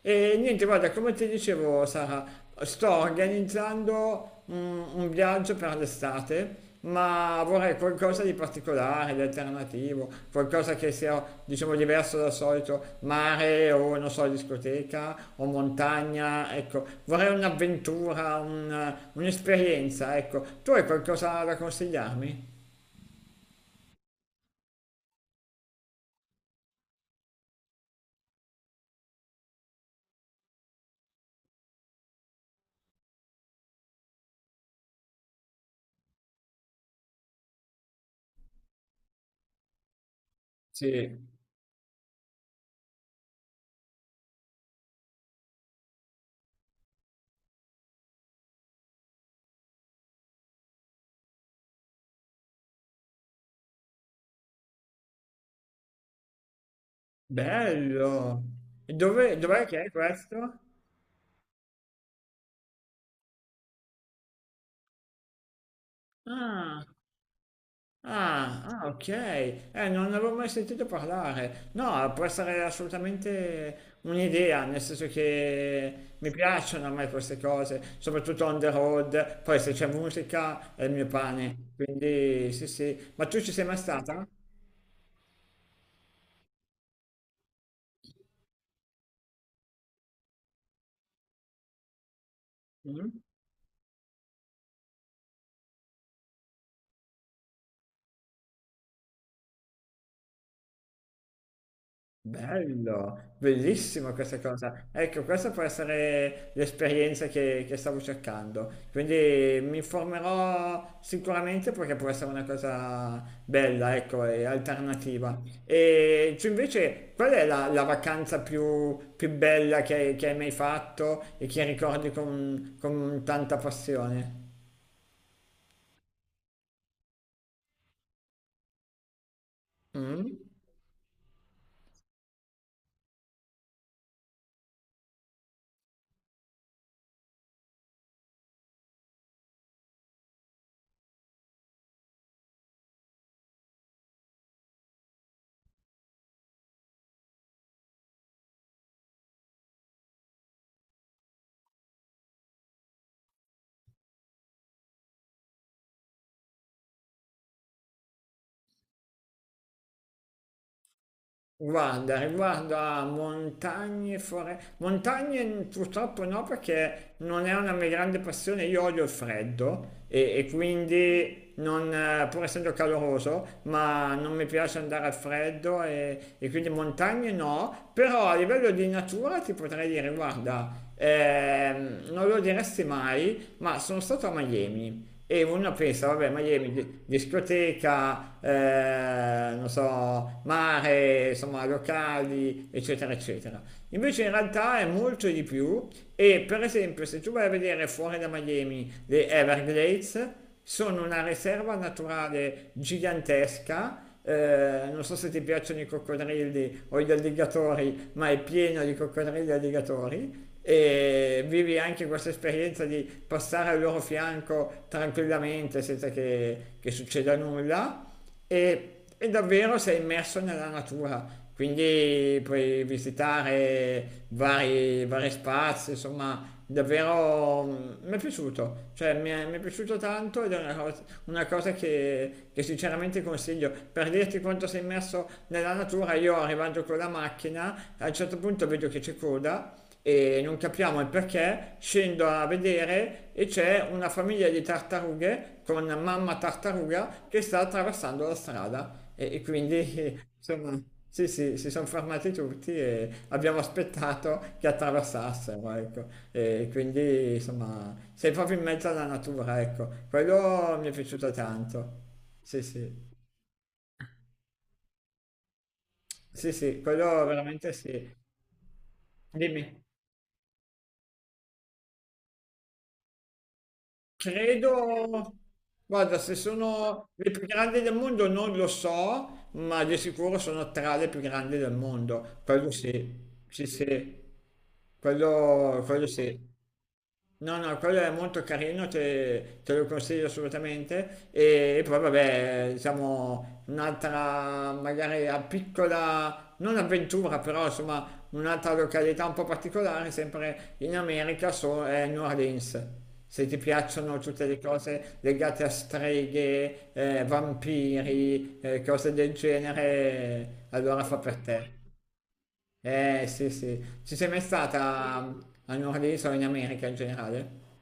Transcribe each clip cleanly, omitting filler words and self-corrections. E niente, guarda, come ti dicevo, Sara, sto organizzando un viaggio per l'estate, ma vorrei qualcosa di particolare, di alternativo, qualcosa che sia, diciamo, diverso dal solito mare o, non so, discoteca o montagna, ecco, vorrei un'avventura, un'esperienza, ecco. Tu hai qualcosa da consigliarmi? Sì. Bello! E dov'è che è questo? Ah. Ah, ah, ok, non ne avevo mai sentito parlare. No, può essere assolutamente un'idea, nel senso che mi piacciono a me queste cose, soprattutto on the road, poi se c'è musica è il mio pane, quindi sì, sì. Ma tu ci sei mai stata? Mm? Bello, bellissima questa cosa. Ecco, questa può essere l'esperienza che stavo cercando. Quindi mi informerò sicuramente perché può essere una cosa bella, ecco, e alternativa. E tu invece, qual è la vacanza più bella che hai mai fatto e che ricordi con tanta passione? Mm? Guarda, riguardo a montagne, montagne purtroppo no perché non è una mia grande passione, io odio il freddo e quindi non, pur essendo caloroso, ma non mi piace andare al freddo e quindi montagne no, però a livello di natura ti potrei dire, guarda, non lo diresti mai, ma sono stato a Miami e uno pensa, vabbè, Miami, discoteca, non so, mare, insomma, locali, eccetera, eccetera. Invece in realtà è molto di più e per esempio se tu vai a vedere fuori da Miami le Everglades, sono una riserva naturale gigantesca non so se ti piacciono i coccodrilli o gli alligatori, ma è pieno di coccodrilli e alligatori e vivi anche questa esperienza di passare al loro fianco tranquillamente senza che succeda nulla e, e davvero sei immerso nella natura. Quindi puoi visitare vari spazi, insomma, davvero mi è piaciuto, cioè mi è piaciuto tanto ed è una cosa che sinceramente consiglio. Per dirti quanto sei immerso nella natura, io arrivando con la macchina, a un certo punto vedo che c'è coda e non capiamo il perché, scendo a vedere e c'è una famiglia di tartarughe con mamma tartaruga che sta attraversando la strada e quindi insomma sì, sì, sono fermati tutti e abbiamo aspettato che attraversassero, ecco, e quindi insomma sei proprio in mezzo alla natura, ecco, quello mi è piaciuto tanto. Sì, sì, sì, sì, quello veramente sì. Dimmi. Credo, guarda, se sono le più grandi del mondo non lo so, ma di sicuro sono tra le più grandi del mondo. Quello sì, sì, sì, quello sì. No, no, quello è molto carino, te lo consiglio assolutamente. E poi, vabbè, diciamo, un'altra magari a piccola, non avventura, però insomma, un'altra località un po' particolare, sempre in America, è New Orleans. Se ti piacciono tutte le cose legate a streghe, vampiri, cose del genere, allora fa per te. Eh sì, sì. Ci sei mai stata a New Orleans o in America in generale?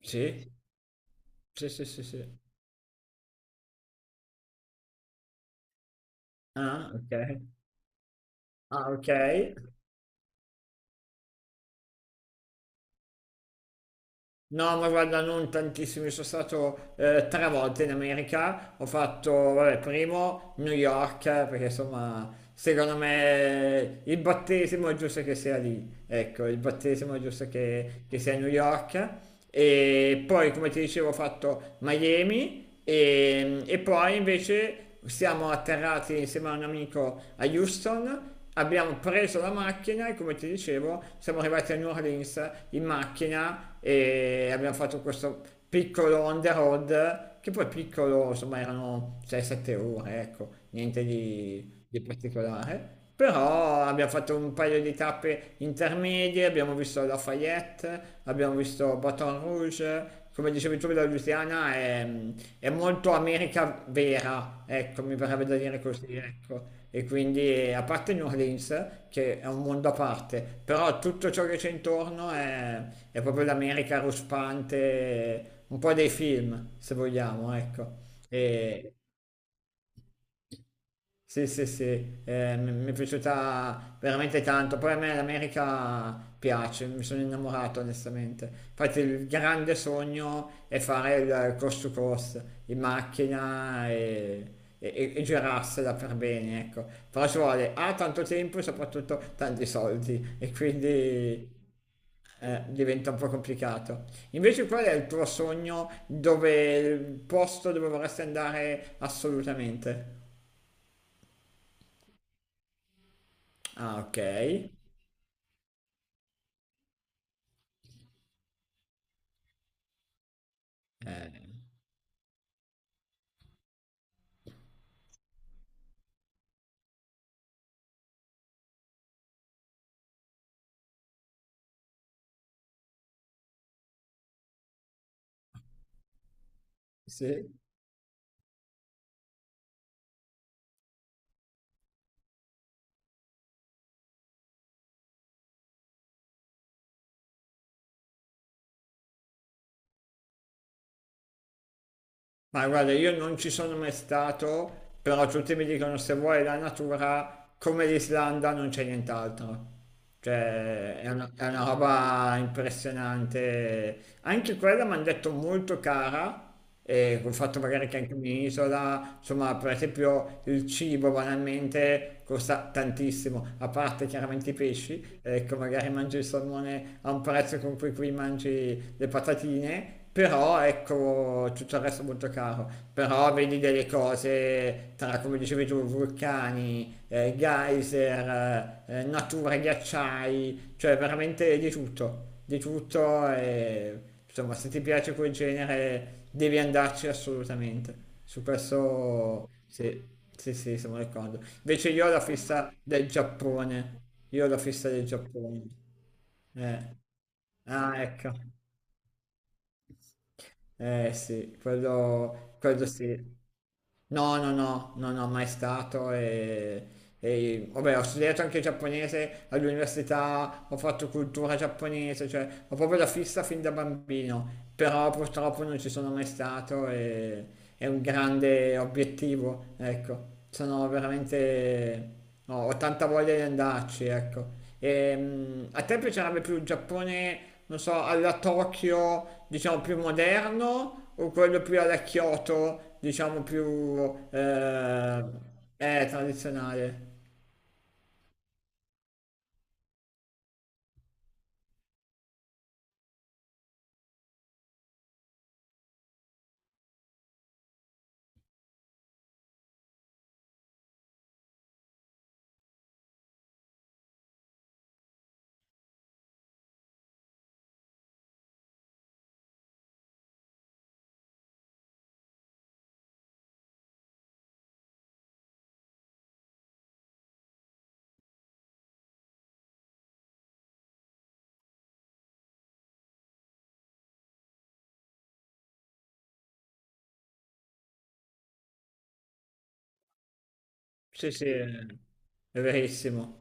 Sì, sì, sì, sì, sì. Ah, ok. Ah, ok. No, ma guarda, non tantissimo, sono stato tre volte in America. Ho fatto, vabbè, primo New York, perché insomma, secondo me il battesimo è giusto che sia lì. Ecco, il battesimo è giusto che sia a New York. E poi come ti dicevo ho fatto Miami e poi invece siamo atterrati insieme a un amico a Houston, abbiamo preso la macchina e come ti dicevo siamo arrivati a New Orleans in macchina e abbiamo fatto questo piccolo on the road che poi piccolo insomma erano 6-7 ore, ecco, niente di particolare, però abbiamo fatto un paio di tappe intermedie, abbiamo visto Lafayette, abbiamo visto Baton Rouge, come dicevi tu da Luciana, è molto America vera, ecco, mi verrebbe da dire così, ecco. E quindi, a parte New Orleans, che è un mondo a parte, però tutto ciò che c'è intorno è proprio l'America ruspante, un po' dei film, se vogliamo, ecco. E, sì, sì, sì, mi è piaciuta veramente tanto. Poi a me l'America piace, mi sono innamorato onestamente. Infatti il grande sogno è fare il coast to coast in macchina e, e girarsela per bene, ecco. Però ci vuole A, tanto tempo e soprattutto tanti soldi e quindi diventa un po' complicato. Invece qual è il tuo sogno dove il posto dove vorresti andare assolutamente? Ah, ok. Sì. Ma guarda, io non ci sono mai stato, però tutti mi dicono se vuoi la natura, come l'Islanda non c'è nient'altro. Cioè, è una roba impressionante. Anche quella mi hanno detto molto cara, e col fatto magari che è anche un'isola, insomma, per esempio il cibo banalmente costa tantissimo, a parte chiaramente i pesci, ecco, magari mangi il salmone a un prezzo con cui qui mangi le patatine, però ecco tutto il resto è molto caro, però vedi delle cose tra, come dicevi tu, vulcani, geyser, natura, ghiacciai, cioè veramente di tutto e insomma se ti piace quel genere devi andarci assolutamente, su questo sì, sì, sì, siamo d'accordo. Invece io ho la fissa del Giappone. Eh. Ah, ecco. Eh sì, quello sì. No, no, no, no, no, mai stato e, vabbè, ho studiato anche giapponese all'università, ho fatto cultura giapponese, cioè ho proprio la fissa fin da bambino, però purtroppo non ci sono mai stato e è un grande obiettivo, ecco, sono veramente, ho tanta voglia di andarci, ecco. E, a te piacerebbe più il Giappone, non so, alla Tokyo, diciamo, più moderno o quello più alla Kyoto, diciamo, più tradizionale? Sì, sì, è verissimo.